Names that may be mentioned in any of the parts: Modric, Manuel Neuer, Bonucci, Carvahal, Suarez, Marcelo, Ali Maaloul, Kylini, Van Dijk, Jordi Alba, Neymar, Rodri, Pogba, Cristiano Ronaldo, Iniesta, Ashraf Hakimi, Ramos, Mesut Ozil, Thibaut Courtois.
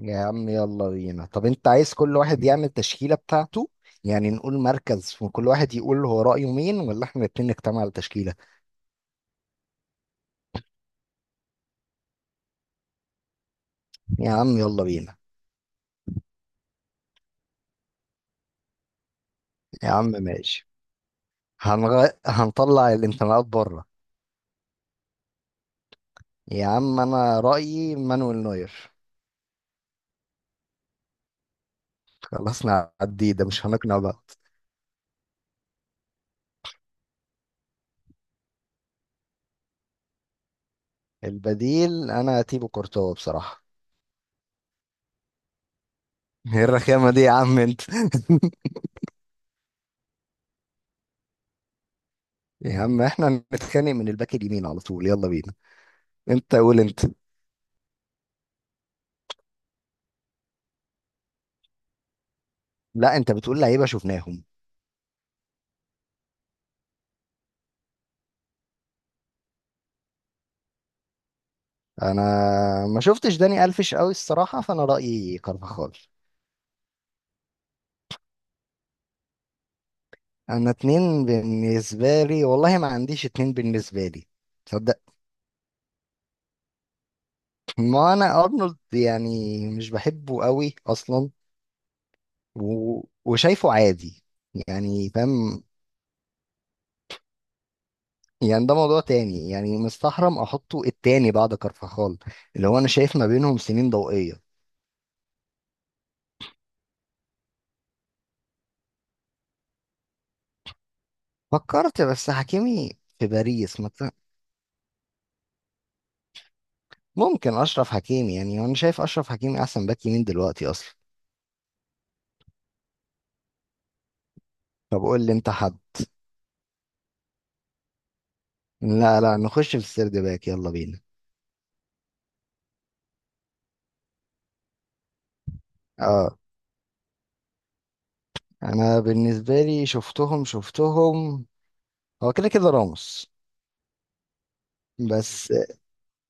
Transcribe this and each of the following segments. يا عم يلا بينا. طب انت عايز كل واحد يعمل تشكيلة بتاعته؟ يعني نقول مركز وكل واحد يقول هو رأيه مين، ولا احنا الاتنين نجتمع على تشكيلة؟ يا عم يلا بينا. يا عم ماشي. هنطلع الانتماءات بره. يا عم انا رأيي مانويل نوير. خلاص نعديه ده، مش هنقنع بعض. البديل انا تيبو كورتوا بصراحة. ايه الرخامة دي يا عم انت؟ يا عم احنا نتخانق من الباك اليمين على طول، يلا بينا. انت قول انت. لا انت بتقول لعيبة شفناهم. انا ما شفتش داني الفيش قوي الصراحه، فانا رايي كارفاخال. انا اتنين بالنسبه لي، والله ما عنديش اتنين بالنسبه لي. تصدق؟ ما انا ارنولد يعني مش بحبه قوي اصلا. وشايفه عادي. يعني فاهم، يعني ده موضوع تاني. يعني مستحرم احطه التاني بعد كارفاخال، اللي هو انا شايف ما بينهم سنين ضوئيه. فكرت بس حكيمي في باريس ممكن اشرف حكيمي. يعني انا شايف اشرف حكيمي احسن باك يمين دلوقتي اصلا. طب قول لي انت حد. لا نخش في السرد باك، يلا بينا. اه، انا بالنسبه لي شفتهم شفتهم، هو كده كده راموس. بس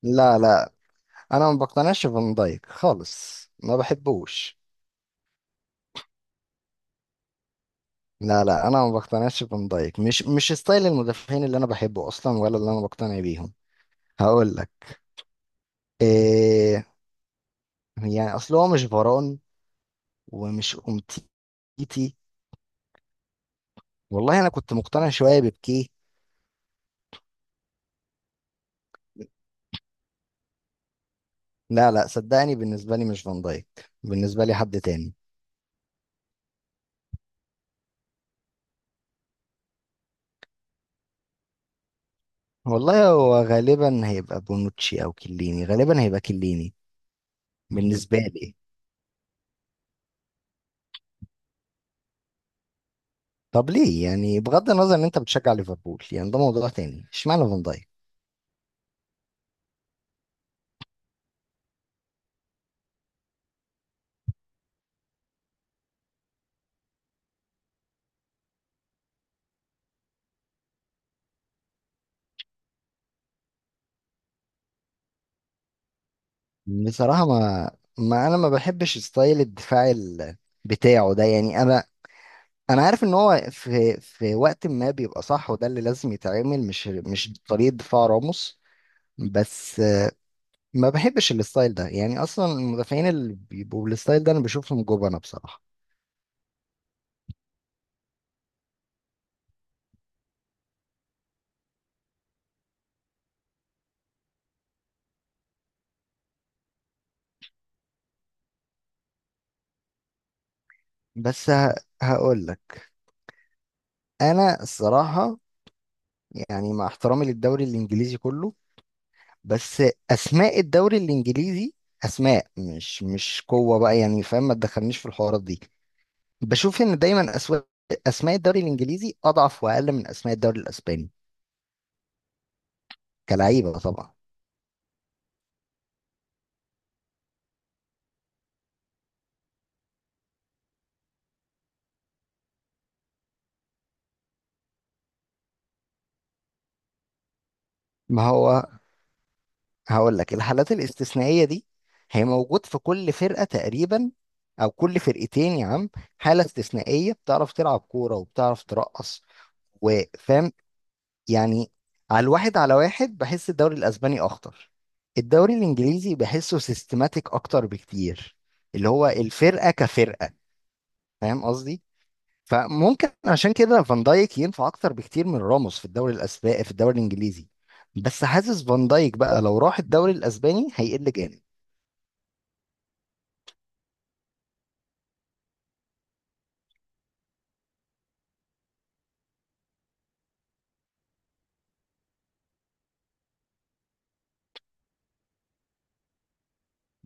لا انا ما بقتنعش بفان دايك خالص، ما بحبوش. لا انا ما بقتنعش بفان دايك، مش ستايل المدافعين اللي انا بحبه اصلا ولا اللي انا بقتنع بيهم. هقول لك إيه، يعني اصل هو مش فران ومش امتيتي. والله انا كنت مقتنع شويه ببكيه. لا صدقني بالنسبة لي مش فان دايك. بالنسبة لي حد تاني. والله هو غالبا هيبقى بونوتشي او كيليني، غالبا هيبقى كيليني بالنسبة لي. طب ليه يعني؟ بغض النظر ان انت بتشجع ليفربول، يعني ده موضوع تاني، اشمعنى فان دايك؟ بصراحة ما انا ما بحبش ستايل الدفاع بتاعه ده. يعني انا انا عارف ان هو في وقت ما بيبقى صح، وده اللي لازم يتعمل، مش طريقة دفاع راموس. بس ما بحبش الستايل ده، يعني اصلا المدافعين اللي بيبقوا بالستايل ده انا بشوفهم جبنه بصراحه. بس ه... هقول لك انا الصراحه، يعني مع احترامي للدوري الانجليزي كله، بس اسماء الدوري الانجليزي اسماء مش قوه بقى. يعني فاهم، ما تدخلنيش في الحوارات دي. بشوف ان دايما اسماء الدوري الانجليزي اضعف واقل من اسماء الدوري الاسباني. كلعيبه طبعا. ما هو هقول لك، الحالات الاستثنائية دي هي موجود في كل فرقة تقريبا، أو كل فرقتين يا عم. حالة استثنائية بتعرف تلعب كورة وبتعرف ترقص وفاهم يعني. على الواحد على واحد بحس الدوري الأسباني أخطر. الدوري الإنجليزي بحسه سيستماتيك أكتر بكتير، اللي هو الفرقة كفرقة. فاهم قصدي؟ فممكن عشان كده فان دايك ينفع أكتر بكتير من راموس في الدوري الأسباني، في الدوري الإنجليزي. بس حاسس فان دايك بقى لو راح الدوري الأسباني هيقل جامد.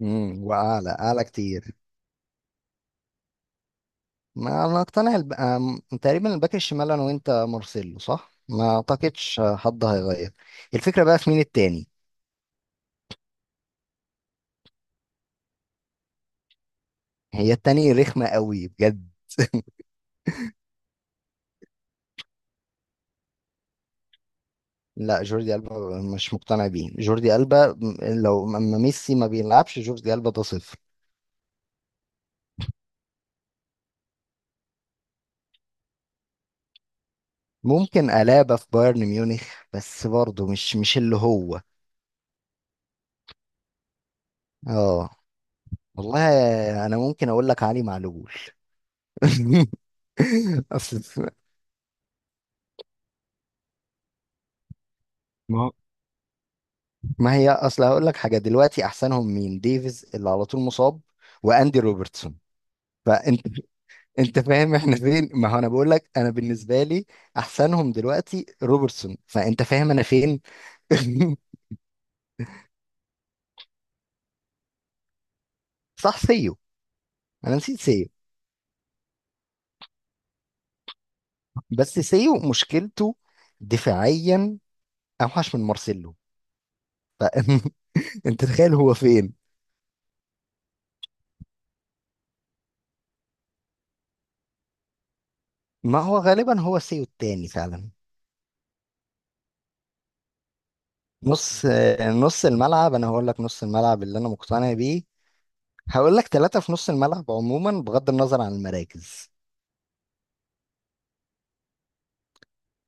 امم، واعلى، اعلى كتير. ما اقتنع الب... آم، تقريبا الباك الشمال انا وانت مارسيلو صح، ما اعتقدش حد هيغير. الفكره بقى في مين التاني؟ هي التاني رخمه قوي بجد. لا جوردي ألبا مش مقتنع بيه، جوردي ألبا اما ميسي ما بيلعبش جوردي ألبا ده صفر. ممكن ألابا في بايرن ميونخ، بس برضه مش اللي هو. اه. والله انا ممكن اقول لك علي معلول. أصل- ما ما هي اصل هقول لك حاجه، دلوقتي احسنهم مين؟ ديفيز اللي على طول مصاب، واندي روبرتسون. فانت انت فاهم احنا فين. ما هو انا بقول لك انا بالنسبه لي احسنهم دلوقتي روبرتسون، فانت فاهم انا فين. صح، سيو. انا نسيت سيو. بس سيو مشكلته دفاعيا اوحش من مارسيلو، فانت تخيل هو فين. ما هو غالبا هو سيو التاني فعلا. نص نص الملعب، انا هقول لك نص الملعب اللي انا مقتنع بيه. هقول لك ثلاثة في نص الملعب عموما بغض النظر عن المراكز.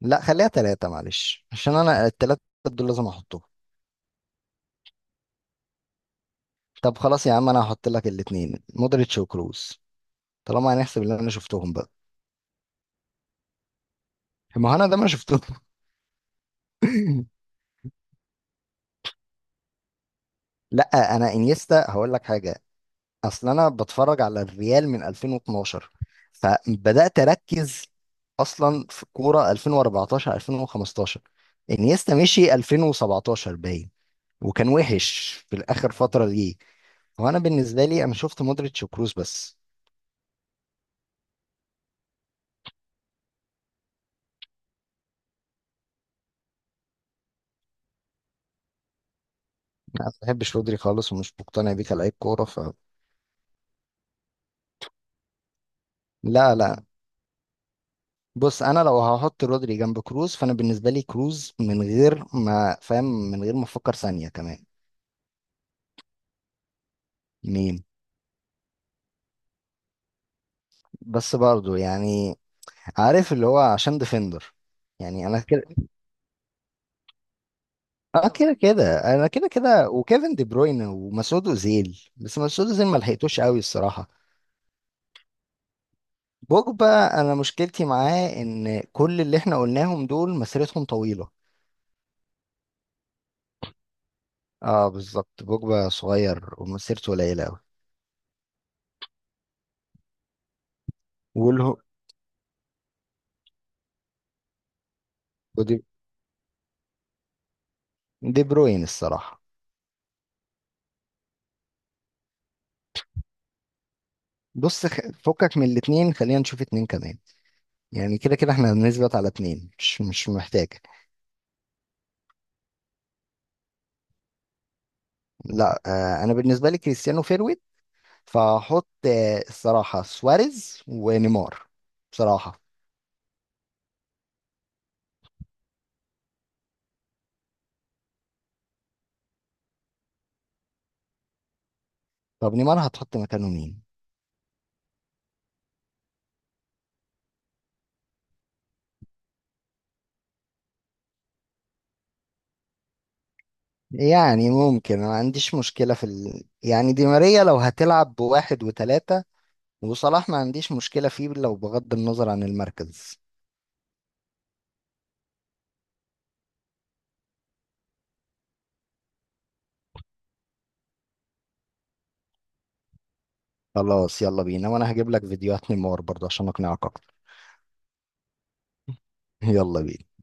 لا خليها ثلاثة معلش، عشان انا الثلاثة دول لازم احطهم. طب خلاص يا عم، انا هحط لك الاثنين مودريتش وكروس، طالما هنحسب اللي انا شفتهم بقى. ما هو انا ده ما شفتهم. لا انا انيستا هقول لك حاجة. اصل انا بتفرج على الريال من 2012، فبدأت اركز اصلا في كورة 2014 2015. انيستا مشي 2017 باين، وكان وحش في الاخر فترة ليه. هو انا بالنسبه لي انا شفت مودريتش وكروس بس. انا ما بحبش رودري خالص ومش مقتنع بيه كلاعب كوره. ف لا بص انا لو هحط رودري جنب كروز، فانا بالنسبه لي كروز من غير ما فاهم، من غير ما افكر ثانيه كمان. مين؟ بس برضو يعني عارف اللي هو عشان ديفندر. يعني انا كده، اه كده كده انا كده كده وكيفن دي بروين ومسعود اوزيل. بس مسعود اوزيل ما لحقتوش قوي الصراحه. بوجبا انا مشكلتي معاه ان كل اللي احنا قلناهم دول مسيرتهم طويله. اه بالظبط، بوجبا صغير ومسيرته قليلة أوي. وله. ودي دي بروين الصراحة. بص فكك من الاتنين، خلينا نشوف اتنين كمان. يعني كده كده احنا بنثبت على اتنين مش محتاج. لا آه انا بالنسبة لي كريستيانو فيرويد، فهحط آه الصراحة سواريز ونيمار بصراحة. طب نيمار هتحط مكانه مين؟ يعني ممكن، ما عنديش مشكلة في يعني دي ماريا لو هتلعب بواحد وتلاتة وصلاح ما عنديش مشكلة فيه، لو بغض النظر عن المركز. خلاص يلا بينا، وانا هجيب لك فيديوهات نيمار برضه عشان اقنعك اكتر. يلا بينا.